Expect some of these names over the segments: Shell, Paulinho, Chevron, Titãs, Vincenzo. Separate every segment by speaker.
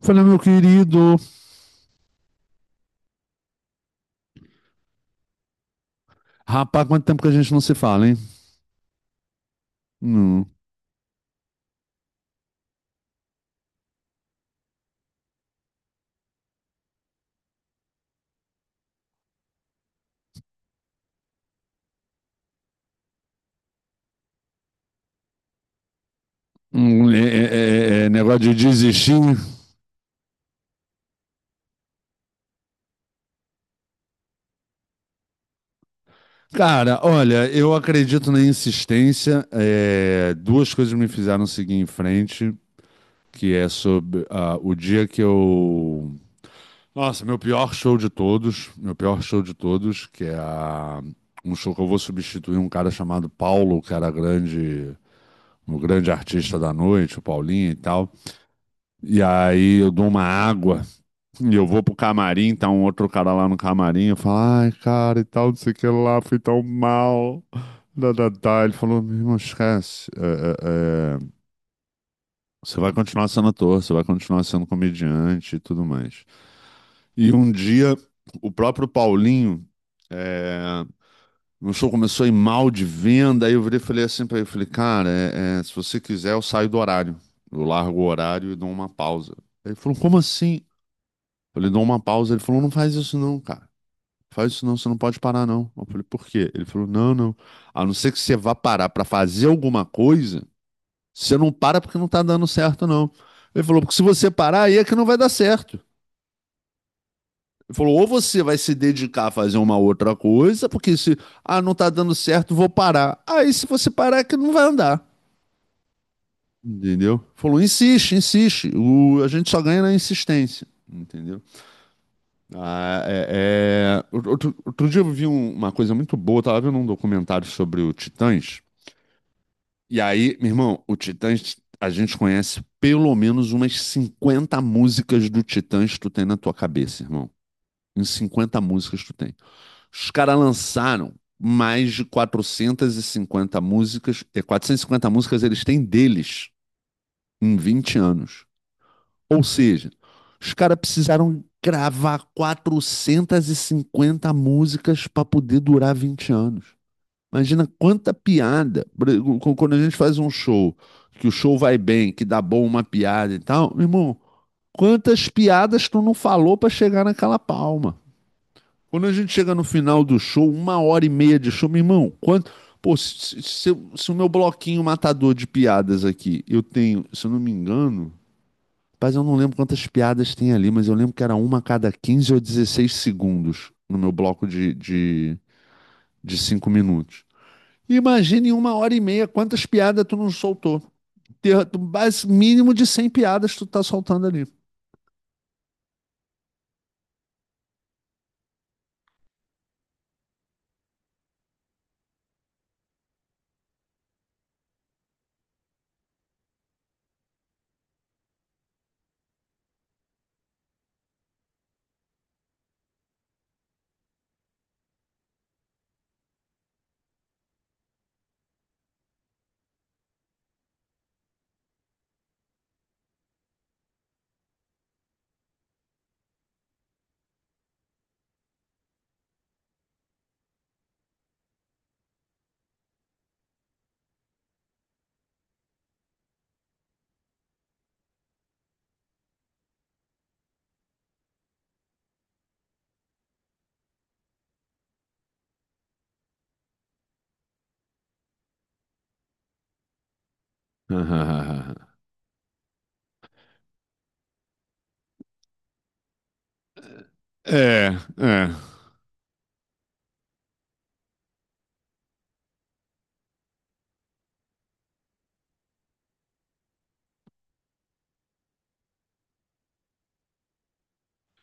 Speaker 1: Falei, meu querido, rapaz, quanto tempo que a gente não se fala, hein? Hum, negócio de desistir. Cara, olha, eu acredito na insistência. É, duas coisas me fizeram seguir em frente, que é sobre o dia que eu... Nossa, meu pior show de todos, meu pior show de todos, um show que eu vou substituir um cara chamado Paulo, que era grande, um grande artista da noite, o Paulinho e tal. E aí eu dou uma água. E eu vou pro camarim, tá um outro cara lá no camarim, eu falo, ai, cara, e tal, não sei o que lá, fui tão mal. Da, da, da. Ele falou, meu irmão, esquece. Você vai continuar sendo ator, você vai continuar sendo comediante e tudo mais. E um dia, o próprio Paulinho, é... meu show começou a ir mal de venda, aí eu virei e falei assim pra ele, eu falei, cara, se você quiser, eu saio do horário. Eu largo o horário e dou uma pausa. Ele falou, como assim? Eu falei, dou uma pausa. Ele falou, não faz isso não, cara. Faz isso não, você não pode parar não. Eu falei, por quê? Ele falou, não, não. A não ser que você vá parar pra fazer alguma coisa, você não para porque não tá dando certo não. Ele falou, porque se você parar, aí é que não vai dar certo. Ele falou, ou você vai se dedicar a fazer uma outra coisa, porque se, não tá dando certo, vou parar. Aí se você parar é que não vai andar. Entendeu? Falou, insiste, insiste. O, a gente só ganha na insistência. Entendeu? Outro dia eu vi uma coisa muito boa, eu tava vendo um documentário sobre o Titãs. E aí, meu irmão, o Titãs, a gente conhece pelo menos umas 50 músicas do Titãs que tu tem na tua cabeça, irmão. Em 50 músicas tu tem. Os caras lançaram mais de 450 músicas, e 450 músicas eles têm deles em 20 anos. Ou seja, os caras precisaram gravar 450 músicas para poder durar 20 anos. Imagina quanta piada. Quando a gente faz um show, que o show vai bem, que dá bom uma piada e tal, meu irmão, quantas piadas tu não falou para chegar naquela palma? Quando a gente chega no final do show, uma hora e meia de show, meu irmão, quanto. Pô, se o meu bloquinho matador de piadas aqui, eu tenho, se eu não me engano, mas eu não lembro quantas piadas tem ali, mas eu lembro que era uma a cada 15 ou 16 segundos no meu bloco de 5 minutos. Imagine em uma hora e meia quantas piadas tu não soltou. Mínimo de 100 piadas tu tá soltando ali. É, é.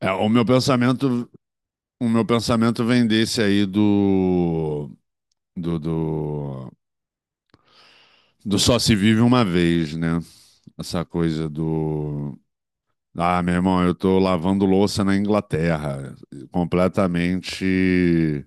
Speaker 1: É, o meu pensamento vem desse aí do, do, do só se vive uma vez, né? Essa coisa do... Ah, meu irmão, eu tô lavando louça na Inglaterra, completamente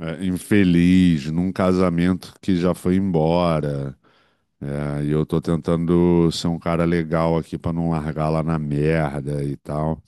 Speaker 1: infeliz, num casamento que já foi embora. É, e eu tô tentando ser um cara legal aqui pra não largar lá na merda e tal.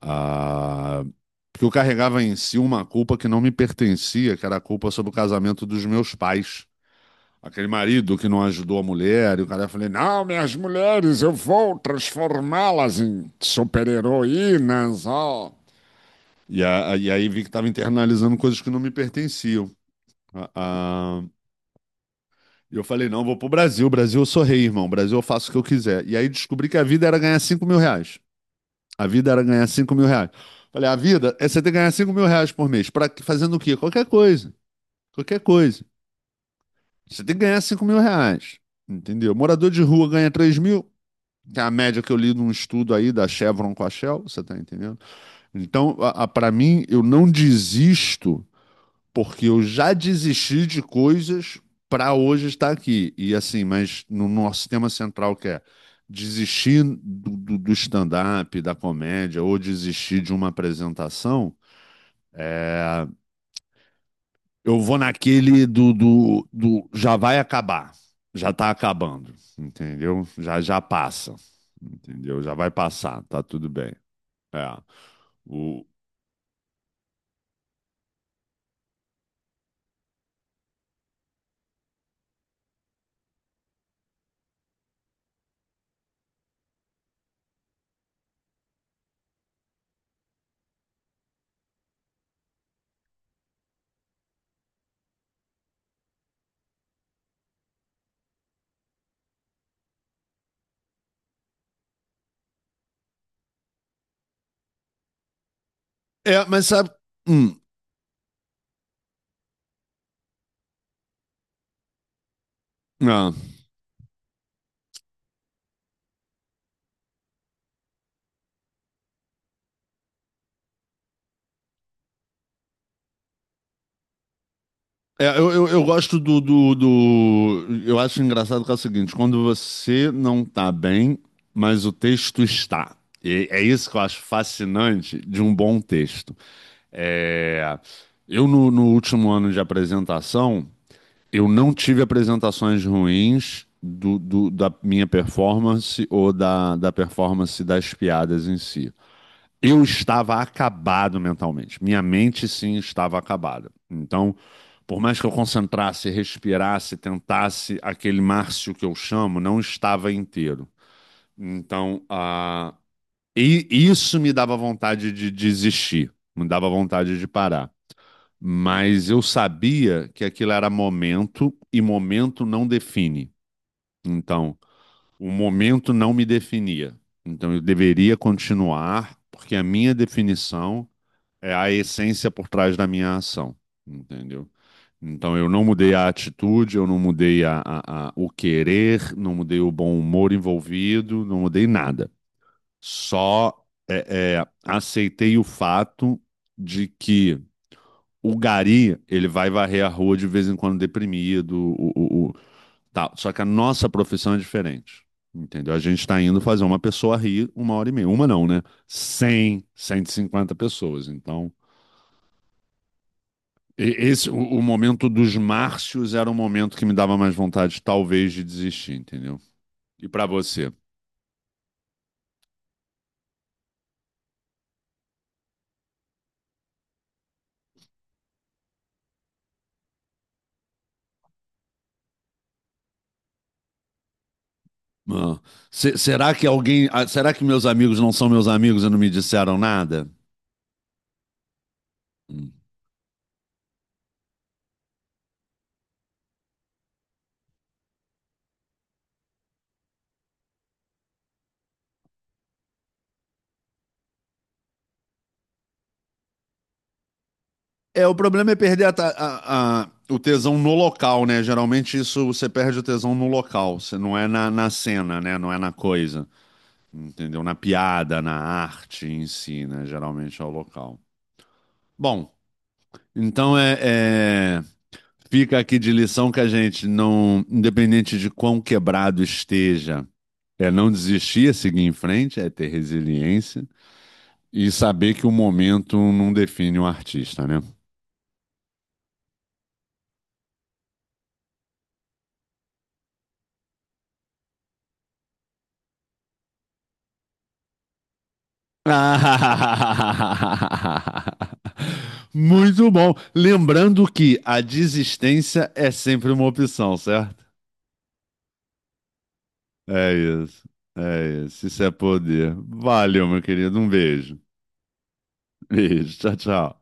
Speaker 1: Ah, porque eu carregava em si uma culpa que não me pertencia, que era a culpa sobre o casamento dos meus pais. Aquele marido que não ajudou a mulher, e o cara falou: Não, minhas mulheres, eu vou transformá-las em super-heroínas. Ó." E aí vi que estava internalizando coisas que não me pertenciam. A- a- E eu falei: Não, vou pro Brasil. Brasil, eu sou rei, irmão. Brasil, eu faço o que eu quiser. E aí descobri que a vida era ganhar R$ 5.000. A vida era ganhar 5 mil reais. Falei: A vida é você ter que ganhar R$ 5.000 por mês. Pra, fazendo o quê? Qualquer coisa. Qualquer coisa. Você tem que ganhar R$ 5.000. Entendeu? Morador de rua ganha 3.000. Que é a média que eu li num estudo aí da Chevron com a Shell, você tá entendendo? Então, para mim, eu não desisto porque eu já desisti de coisas para hoje estar aqui. E assim, mas no nosso tema central que é desistir do stand-up, da comédia, ou desistir de uma apresentação, eu vou naquele do já vai acabar, já tá acabando, entendeu? Já já passa, entendeu? Já vai passar, tá tudo bem. É. O- É, mas sabe. Hum, não. É, eu gosto do. Eu acho engraçado que é o seguinte: quando você não tá bem, mas o texto está. E é isso que eu acho fascinante de um bom texto. É, eu, no último ano de apresentação, eu não tive apresentações ruins da minha performance ou da performance das piadas em si. Eu estava acabado mentalmente. Minha mente, sim, estava acabada. Então, por mais que eu concentrasse, respirasse, tentasse, aquele Márcio que eu chamo não estava inteiro. Então, e isso me dava vontade de desistir, me dava vontade de parar. Mas eu sabia que aquilo era momento e momento não define. Então, o momento não me definia. Então, eu deveria continuar, porque a minha definição é a essência por trás da minha ação, entendeu? Então eu não mudei a atitude, eu não mudei o querer, não mudei o bom humor envolvido, não mudei nada. Só aceitei o fato de que o gari, ele vai varrer a rua de vez em quando deprimido, tal. Só que a nossa profissão é diferente. Entendeu? A gente está indo fazer uma pessoa rir uma hora e meia. Uma não, né? 100, 150 pessoas. Então, Esse, o momento dos Márcios era um momento que me dava mais vontade, talvez, de desistir, entendeu? E pra você? Ah, será que alguém, será que meus amigos não são meus amigos e não me disseram nada? Hum. É, o problema é perder a ta- a- o tesão no local, né? Geralmente isso você perde o tesão no local, você não é na cena, né? Não é na coisa, entendeu? Na piada, na arte em si, né? Geralmente é o local. Bom, então Fica aqui de lição que a gente não, independente de quão quebrado esteja, é não desistir, é seguir em frente, é ter resiliência e saber que o momento não define o artista, né? Muito bom. Lembrando que a desistência é sempre uma opção, certo? É isso. É isso. Isso é poder. Valeu, meu querido. Um beijo. Beijo. Tchau, tchau.